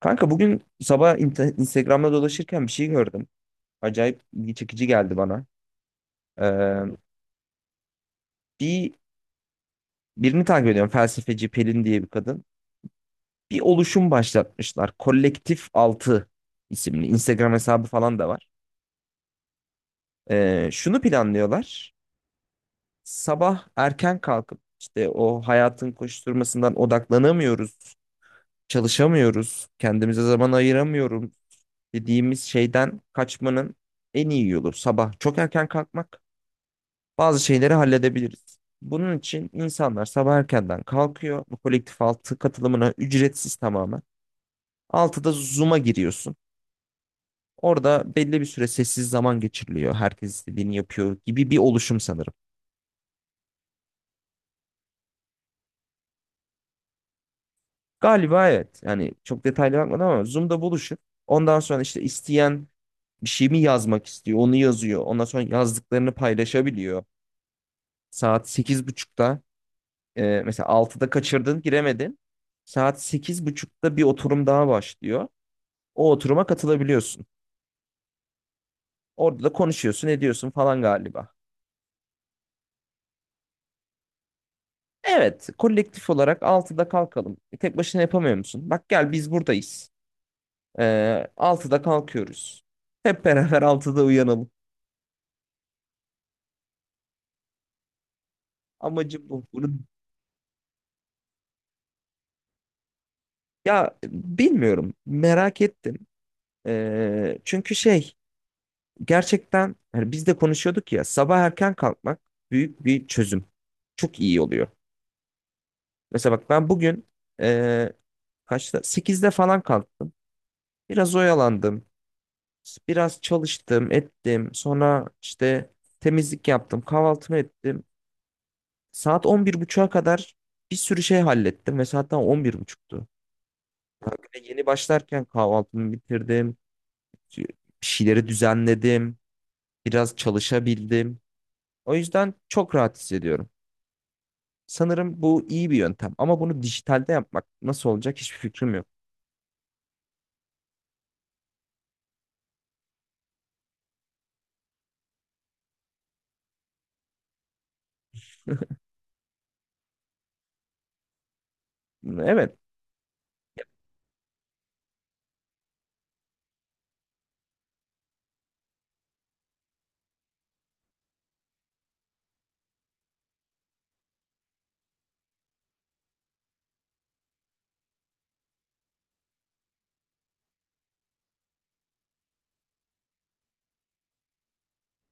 Kanka bugün sabah Instagram'da dolaşırken bir şey gördüm. Acayip ilgi çekici geldi bana. Ee, bir Birini takip ediyorum. Felsefeci Pelin diye bir kadın. Bir oluşum başlatmışlar. Kolektif Altı isimli. Instagram hesabı falan da var. Şunu planlıyorlar. Sabah erken kalkıp işte o hayatın koşturmasından odaklanamıyoruz, çalışamıyoruz, kendimize zaman ayıramıyoruz dediğimiz şeyden kaçmanın en iyi yolu sabah çok erken kalkmak. Bazı şeyleri halledebiliriz. Bunun için insanlar sabah erkenden kalkıyor. Bu kolektif altı katılımına ücretsiz tamamen. Altıda Zoom'a giriyorsun. Orada belli bir süre sessiz zaman geçiriliyor. Herkes istediğini yapıyor gibi bir oluşum sanırım. Galiba evet. Yani çok detaylı bakmadım ama Zoom'da buluşup ondan sonra işte isteyen bir şey mi yazmak istiyor onu yazıyor. Ondan sonra yazdıklarını paylaşabiliyor. Saat 8:30'da mesela altıda kaçırdın giremedin. Saat sekiz buçukta bir oturum daha başlıyor. O oturuma katılabiliyorsun. Orada da konuşuyorsun, ediyorsun falan galiba. Evet, kolektif olarak altıda kalkalım. E, tek başına yapamıyor musun? Bak gel biz buradayız. Ee, 6'da kalkıyoruz. Hep beraber altıda uyanalım. Amacım bu. Bunu. Ya bilmiyorum. Merak ettim. Çünkü gerçekten hani biz de konuşuyorduk ya sabah erken kalkmak büyük bir çözüm. Çok iyi oluyor. Mesela bak ben bugün ee, kaçta? Sekizde falan kalktım. Biraz oyalandım. Biraz çalıştım, ettim. Sonra işte temizlik yaptım, kahvaltımı ettim. Saat 11:30'a kadar bir sürü şey hallettim ve saat daha on bir buçuktu. Yani bir de yeni başlarken kahvaltımı bitirdim. Bir şeyleri düzenledim. Biraz çalışabildim. O yüzden çok rahat hissediyorum. Sanırım bu iyi bir yöntem ama bunu dijitalde yapmak nasıl olacak hiçbir fikrim yok. Evet.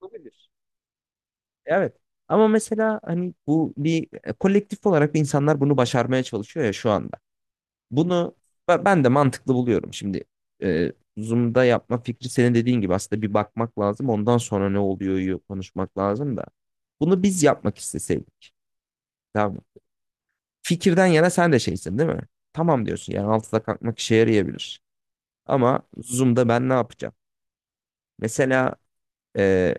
Olabilir. Evet. Ama mesela hani bu bir kolektif olarak insanlar bunu başarmaya çalışıyor ya şu anda. Bunu ben de mantıklı buluyorum. Şimdi e, Zoom'da yapma fikri senin dediğin gibi aslında bir bakmak lazım. Ondan sonra ne oluyor konuşmak lazım da. Bunu biz yapmak isteseydik. Tamam mı? Fikirden yana sen de şeysin değil mi? Tamam diyorsun yani altıda kalkmak işe yarayabilir. Ama Zoom'da ben ne yapacağım? Mesela e,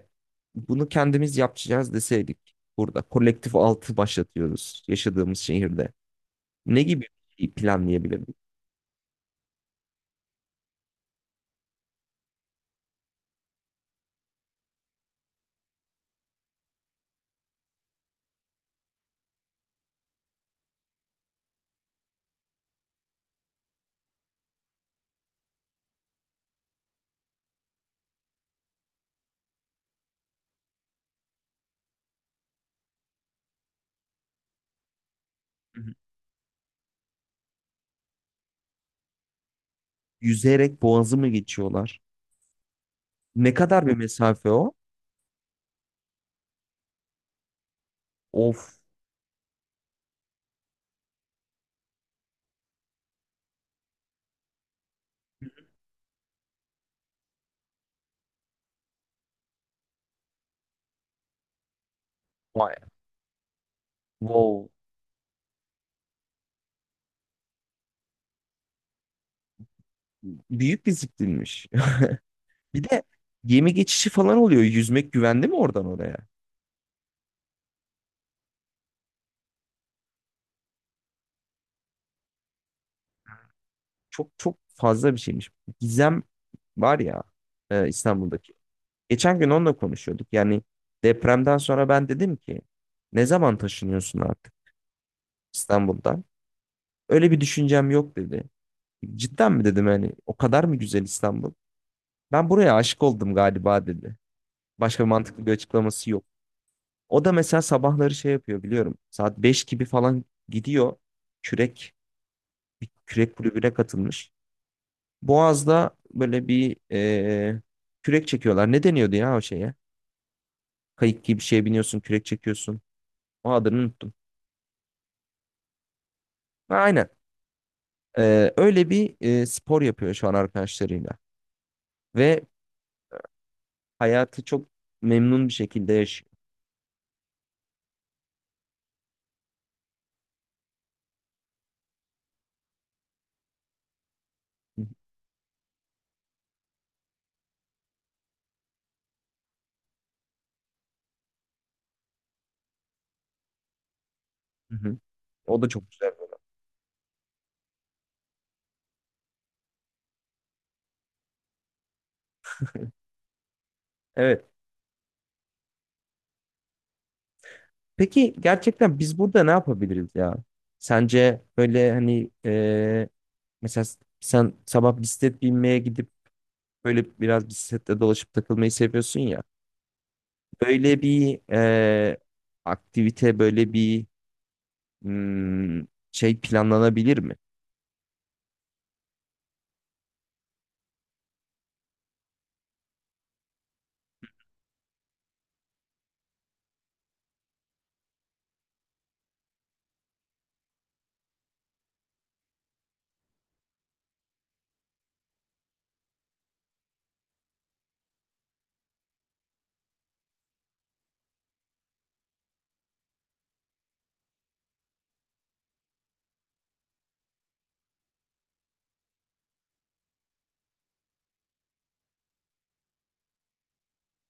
bunu kendimiz yapacağız deseydik burada kolektif altı başlatıyoruz yaşadığımız şehirde. Ne gibi bir şey planlayabilirdik? Hı hı. Yüzerek boğazı mı geçiyorlar? Ne kadar bir mesafe o? Of. Vay. Wow. Büyük bir ziplinmiş. Bir de gemi geçişi falan oluyor. Yüzmek güvenli mi oradan oraya? Çok çok fazla bir şeymiş. Gizem var ya, İstanbul'daki. Geçen gün onunla konuşuyorduk. Yani depremden sonra ben dedim ki ne zaman taşınıyorsun artık İstanbul'dan? Öyle bir düşüncem yok dedi. Cidden mi dedim, hani o kadar mı güzel İstanbul? Ben buraya aşık oldum galiba dedi. Başka mantıklı bir açıklaması yok. O da mesela sabahları şey yapıyor biliyorum. Saat 5 gibi falan gidiyor. Kürek Bir kürek kulübüne katılmış. Boğaz'da böyle bir kürek çekiyorlar. Ne deniyordu ya o şeye? Kayık gibi bir şeye biniyorsun, kürek çekiyorsun. O adını unuttum. Ha, aynen. Öyle bir spor yapıyor şu an arkadaşlarıyla. Ve hayatı çok memnun bir şekilde yaşıyor. Hı hı. O da çok güzel. Evet. Peki gerçekten biz burada ne yapabiliriz ya? Sence böyle hani mesela sen sabah bisiklet binmeye gidip böyle biraz bisikletle dolaşıp takılmayı seviyorsun ya. Böyle bir aktivite, böyle bir hmm, şey planlanabilir mi?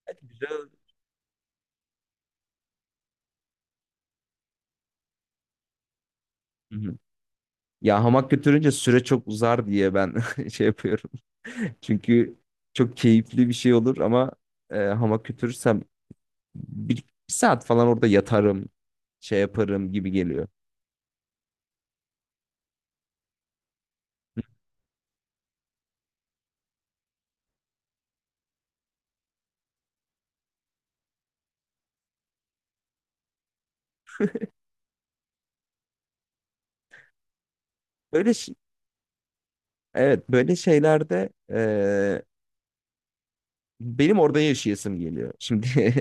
Evet, güzel. Hı hı. Ya hamak götürünce süre çok uzar diye ben şey yapıyorum. Çünkü çok keyifli bir şey olur ama hamak götürürsem bir saat falan orada yatarım, şey yaparım gibi geliyor. Böyle ş- evet, böyle şeylerde benim orada yaşayasım geliyor. Şimdi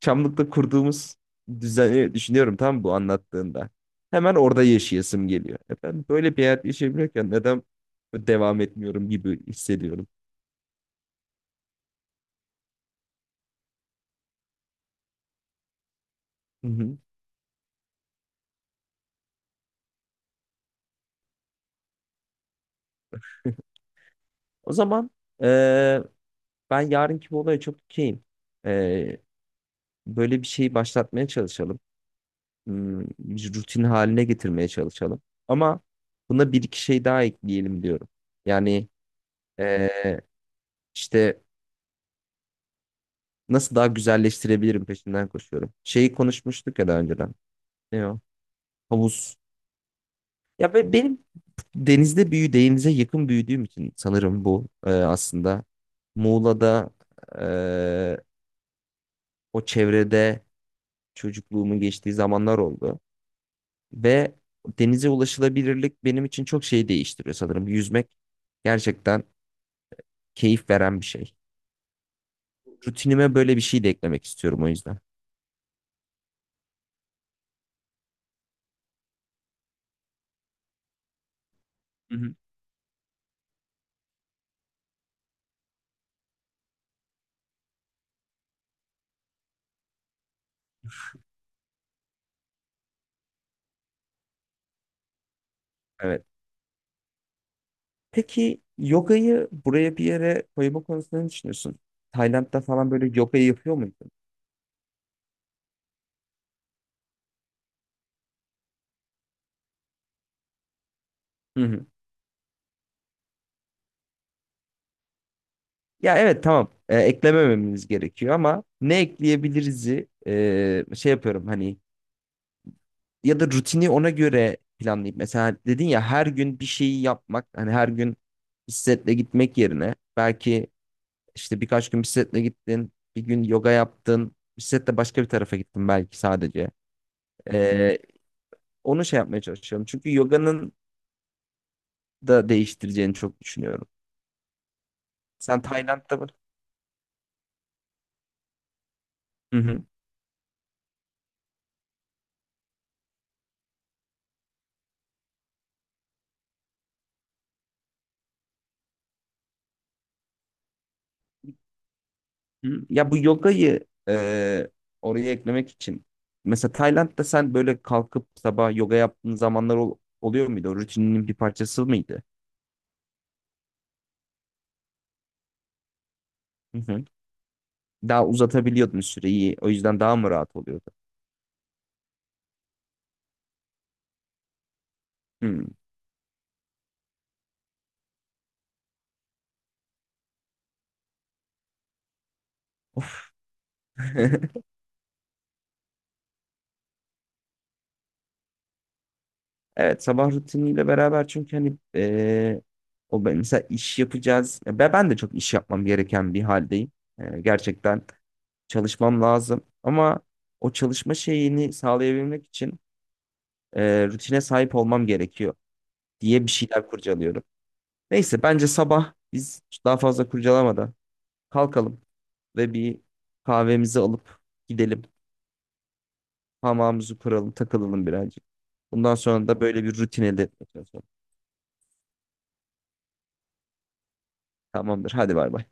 Çamlık'ta kurduğumuz düzeni düşünüyorum tam bu anlattığında. Hemen orada yaşayasım geliyor. E, ben böyle bir hayat yaşayabiliyorken neden devam etmiyorum gibi hissediyorum. Hı hı. O zaman e, ben yarınki bu olaya çok okeyim. E, Böyle bir şeyi başlatmaya çalışalım. Bir rutin haline getirmeye çalışalım. Ama buna bir iki şey daha ekleyelim diyorum. Yani e, işte nasıl daha güzelleştirebilirim peşinden koşuyorum. Şeyi konuşmuştuk ya daha önceden. Ne o? Havuz. Ya benim denize yakın büyüdüğüm için sanırım bu aslında. Muğla'da, e, o çevrede çocukluğumun geçtiği zamanlar oldu. Ve denize ulaşılabilirlik benim için çok şey değiştiriyor sanırım. Yüzmek gerçekten keyif veren bir şey. Rutinime böyle bir şey de eklemek istiyorum o yüzden. Hı hı. Evet. Peki yogayı buraya bir yere koyma konusunda ne düşünüyorsun? Tayland'da falan böyle yogayı yapıyor muydun? Hı hı. Ya evet tamam, eklemememiz gerekiyor ama ne ekleyebiliriz'i şey yapıyorum hani ya da rutini ona göre planlayıp mesela dedin ya her gün bir şeyi yapmak, hani her gün bisikletle gitmek yerine belki işte birkaç gün bisikletle gittin, bir gün yoga yaptın, bisikletle başka bir tarafa gittin belki sadece. E, Onu şey yapmaya çalışıyorum çünkü yoganın da değiştireceğini çok düşünüyorum. Sen Tayland'da mı? Hı hı. Hı. Ya bu yogayı oraya eklemek için mesela Tayland'da sen böyle kalkıp sabah yoga yaptığın zamanlar oluyor muydu? O rutininin bir parçası mıydı? Hı hı. Daha uzatabiliyordun süreyi. O yüzden daha mı rahat oluyordu? Hı. Of. Evet, sabah rutiniyle beraber çünkü hani mesela iş yapacağız. Ya ben, de çok iş yapmam gereken bir haldeyim. E, gerçekten çalışmam lazım. Ama o çalışma şeyini sağlayabilmek için rutine sahip olmam gerekiyor diye bir şeyler kurcalıyorum. Neyse bence sabah biz daha fazla kurcalamadan kalkalım ve bir kahvemizi alıp gidelim. Hamamımızı kuralım, takılalım birazcık. Bundan sonra da böyle bir rutine de çalışalım. Tamamdır. Hadi bay bay.